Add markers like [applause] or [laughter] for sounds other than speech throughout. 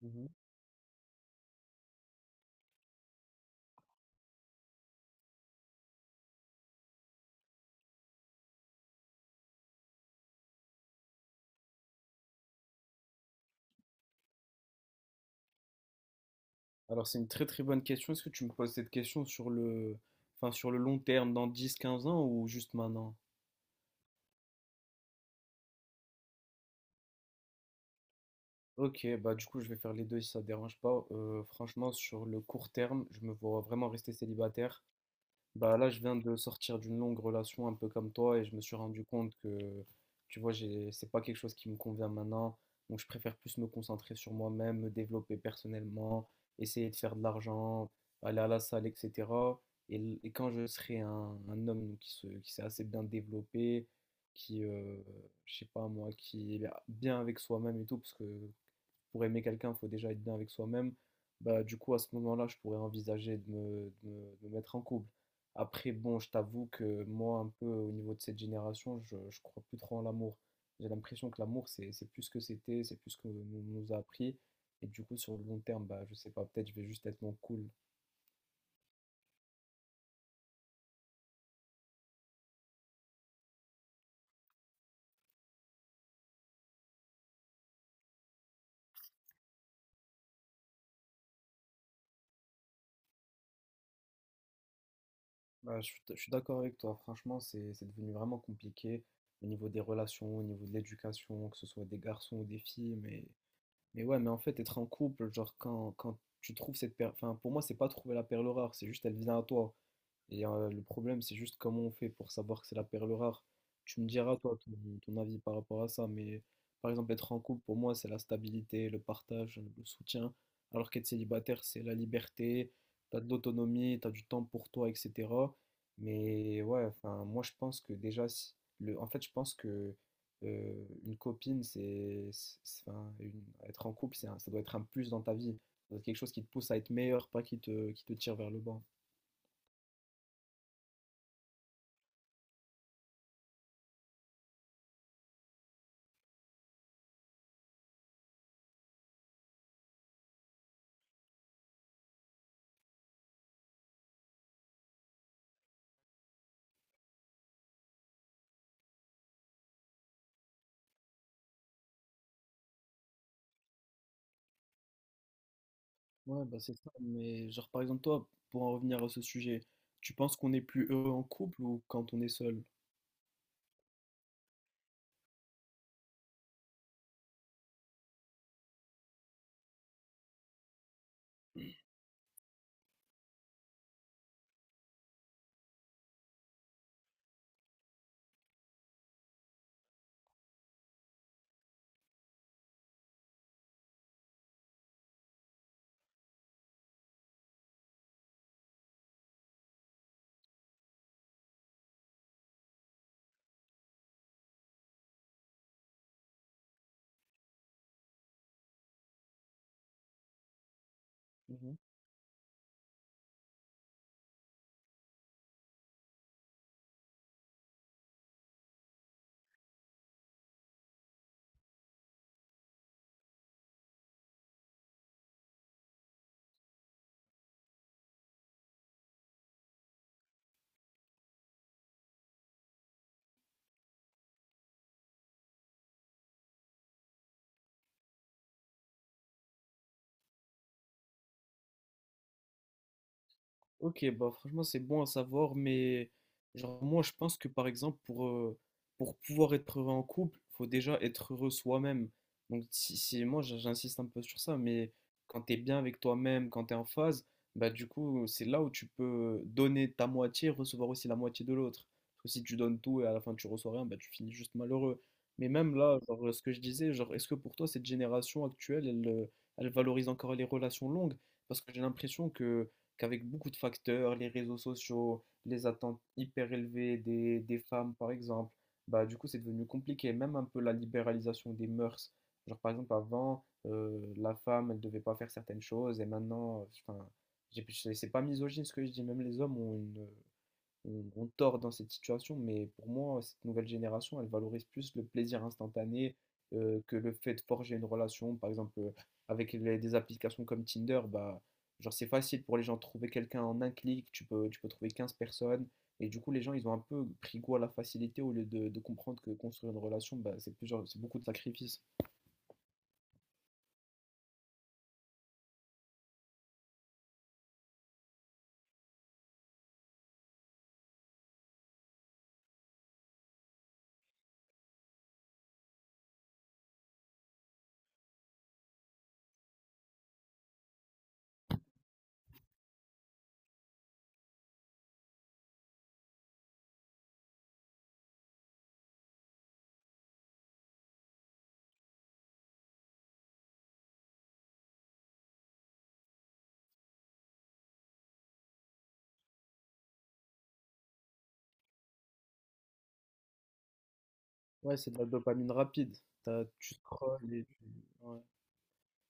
Mhm. Alors c'est une très très bonne question. Est-ce que tu me poses cette question enfin, sur le long terme, dans 10, 15 ans ou juste maintenant? Ok, bah du coup je vais faire les deux si ça te dérange pas. Franchement sur le court terme, je me vois vraiment rester célibataire. Bah là, je viens de sortir d'une longue relation un peu comme toi et je me suis rendu compte que, tu vois, c'est pas quelque chose qui me convient maintenant. Donc, je préfère plus me concentrer sur moi-même, me développer personnellement, essayer de faire de l'argent, aller à la salle, etc. Et quand je serai un homme donc, qui s'est assez bien développé, qui, je sais pas moi, qui est bien avec soi-même et tout, parce que pour aimer quelqu'un, il faut déjà être bien avec soi-même. Bah, du coup, à ce moment-là, je pourrais envisager de me mettre en couple. Après, bon, je t'avoue que moi, un peu au niveau de cette génération, je crois plus trop en l'amour. J'ai l'impression que l'amour, c'est plus ce que c'était, c'est plus ce qu'on nous a appris. Et du coup, sur le long terme, bah, je sais pas, peut-être je vais juste être moins cool. Bah, je suis d'accord avec toi, franchement, c'est devenu vraiment compliqué au niveau des relations, au niveau de l'éducation, que ce soit des garçons ou des filles, Mais ouais, mais en fait, être en couple, genre quand tu trouves cette perle, enfin pour moi, c'est pas trouver la perle rare, c'est juste elle vient à toi. Et le problème, c'est juste comment on fait pour savoir que c'est la perle rare. Tu me diras, toi, ton avis par rapport à ça, mais par exemple, être en couple, pour moi, c'est la stabilité, le partage, le soutien, alors qu'être célibataire, c'est la liberté, t'as de l'autonomie, t'as du temps pour toi, etc. Mais ouais, enfin, moi, je pense que déjà, en fait, je pense que une copine, enfin, être en couple, ça doit être un plus dans ta vie. Ça doit être quelque chose qui te pousse à être meilleur, pas qui te tire vers le bas. Ouais, bah c'est ça, mais genre par exemple toi, pour en revenir à ce sujet, tu penses qu'on est plus heureux en couple ou quand on est seul? Ok, bah franchement, c'est bon à savoir, mais genre moi je pense que par exemple pour pouvoir être heureux en couple, faut déjà être heureux soi-même. Donc moi j'insiste un peu sur ça, mais quand t'es bien avec toi-même, quand t'es en phase, bah du coup c'est là où tu peux donner ta moitié, recevoir aussi la moitié de l'autre. Parce que si tu donnes tout et à la fin tu reçois rien, bah tu finis juste malheureux. Mais même là, genre, ce que je disais, genre est-ce que pour toi cette génération actuelle, elle valorise encore les relations longues? Parce que j'ai l'impression que qu'avec beaucoup de facteurs, les réseaux sociaux, les attentes hyper élevées des femmes, par exemple, bah, du coup, c'est devenu compliqué. Même un peu la libéralisation des mœurs. Genre, par exemple, avant, la femme, elle devait pas faire certaines choses, et maintenant, enfin, c'est pas misogyne ce que je dis, même les hommes ont on tord dans cette situation, mais pour moi, cette nouvelle génération, elle valorise plus le plaisir instantané que le fait de forger une relation. Par exemple, avec des applications comme Tinder, bah, genre c'est facile pour les gens de trouver quelqu'un en un clic, tu peux trouver 15 personnes. Et du coup, les gens, ils ont un peu pris goût à la facilité au lieu de comprendre que construire une relation, bah, c'est beaucoup de sacrifices. Ouais, c'est de la dopamine rapide. Tu scrolles et ouais.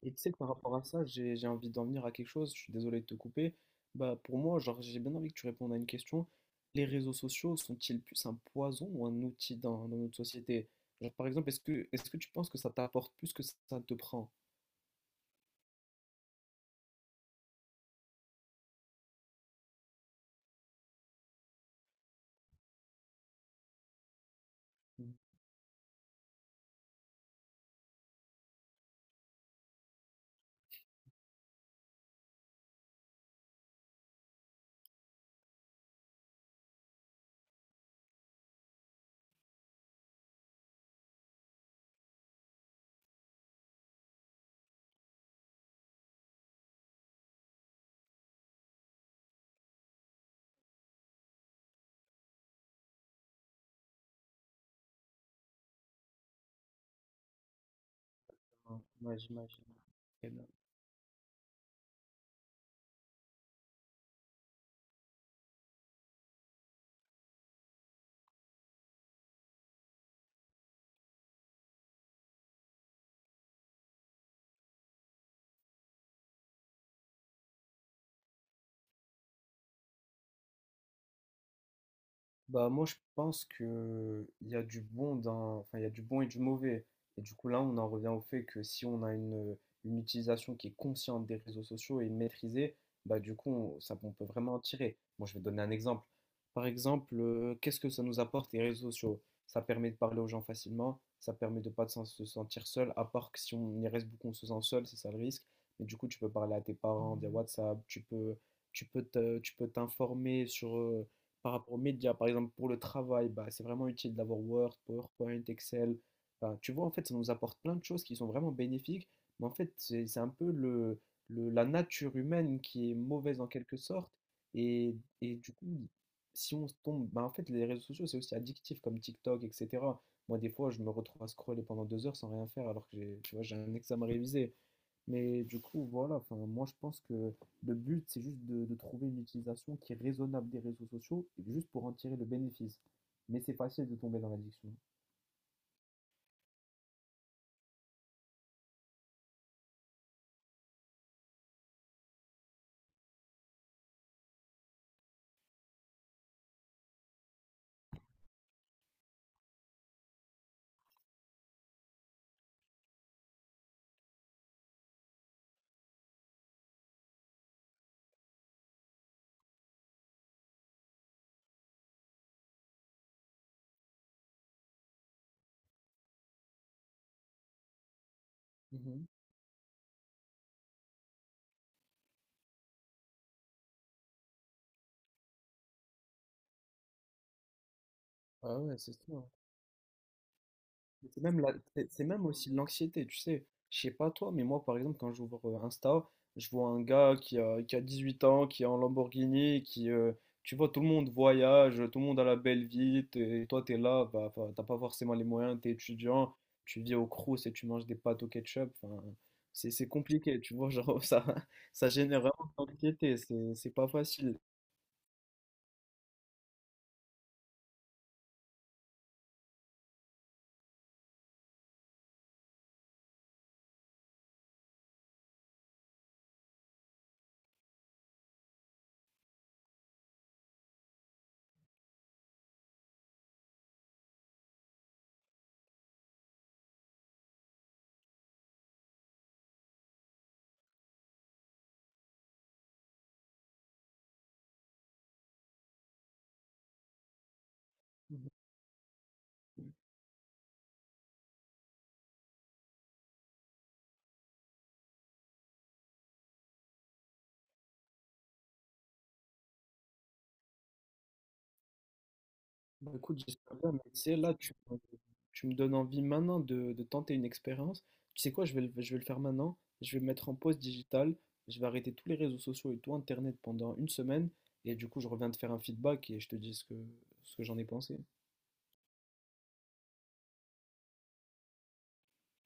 Et tu sais que par rapport à ça, j'ai envie d'en venir à quelque chose, je suis désolé de te couper. Bah pour moi, genre j'ai bien envie que tu répondes à une question. Les réseaux sociaux sont-ils plus un poison ou un outil dans notre société? Genre par exemple, est-ce que tu penses que ça t'apporte plus que ça te prend? Mm. Ouais, j'imagine. Bah moi je pense que il y a du bon dans enfin il y a du bon et du mauvais et du coup là on en revient au fait que si on a une utilisation qui est consciente des réseaux sociaux et maîtrisée bah du coup ça on peut vraiment en tirer. Moi je vais donner un exemple. Par exemple, qu'est-ce que ça nous apporte les réseaux sociaux? Ça permet de parler aux gens facilement, ça permet de pas se sentir seul à part que si on y reste beaucoup on se sent seul, c'est ça le risque. Mais du coup tu peux parler à tes parents via WhatsApp, tu peux t'informer sur par rapport aux médias, par exemple pour le travail, bah, c'est vraiment utile d'avoir Word, PowerPoint, Excel. Enfin, tu vois, en fait, ça nous apporte plein de choses qui sont vraiment bénéfiques, mais en fait, c'est un peu la nature humaine qui est mauvaise en quelque sorte. Et, et du coup, si on se tombe, bah, en fait, les réseaux sociaux, c'est aussi addictif comme TikTok, etc. Moi, des fois, je me retrouve à scroller pendant 2 heures sans rien faire alors que tu vois, j'ai un examen révisé. Mais du coup, voilà, enfin, moi je pense que le but, c'est juste de trouver une utilisation qui est raisonnable des réseaux sociaux, et juste pour en tirer le bénéfice. Mais c'est facile de tomber dans l'addiction. Mhm. Ah ouais, c'est ça. Mais c'est même, c'est même aussi de l'anxiété, tu sais. Je sais pas toi, mais moi, par exemple, quand j'ouvre Insta, je vois un gars qui a 18 ans, qui, est en Lamborghini, tu vois, tout le monde voyage, tout le monde a la belle vie, et toi, t'es là, bah, t'as pas forcément les moyens, t'es étudiant, tu vis au Crous et tu manges des pâtes au ketchup. Enfin, c'est compliqué, tu vois, genre, [laughs] ça génère vraiment de l'anxiété, c'est pas facile. Bah écoute, j'espère bien, mais tu sais, là, tu me donnes envie maintenant de tenter une expérience. Tu sais quoi, je vais le faire maintenant. Je vais me mettre en pause digitale. Je vais arrêter tous les réseaux sociaux et tout Internet pendant une semaine. Et du coup, je reviens te faire un feedback et je te dis ce que j'en ai pensé.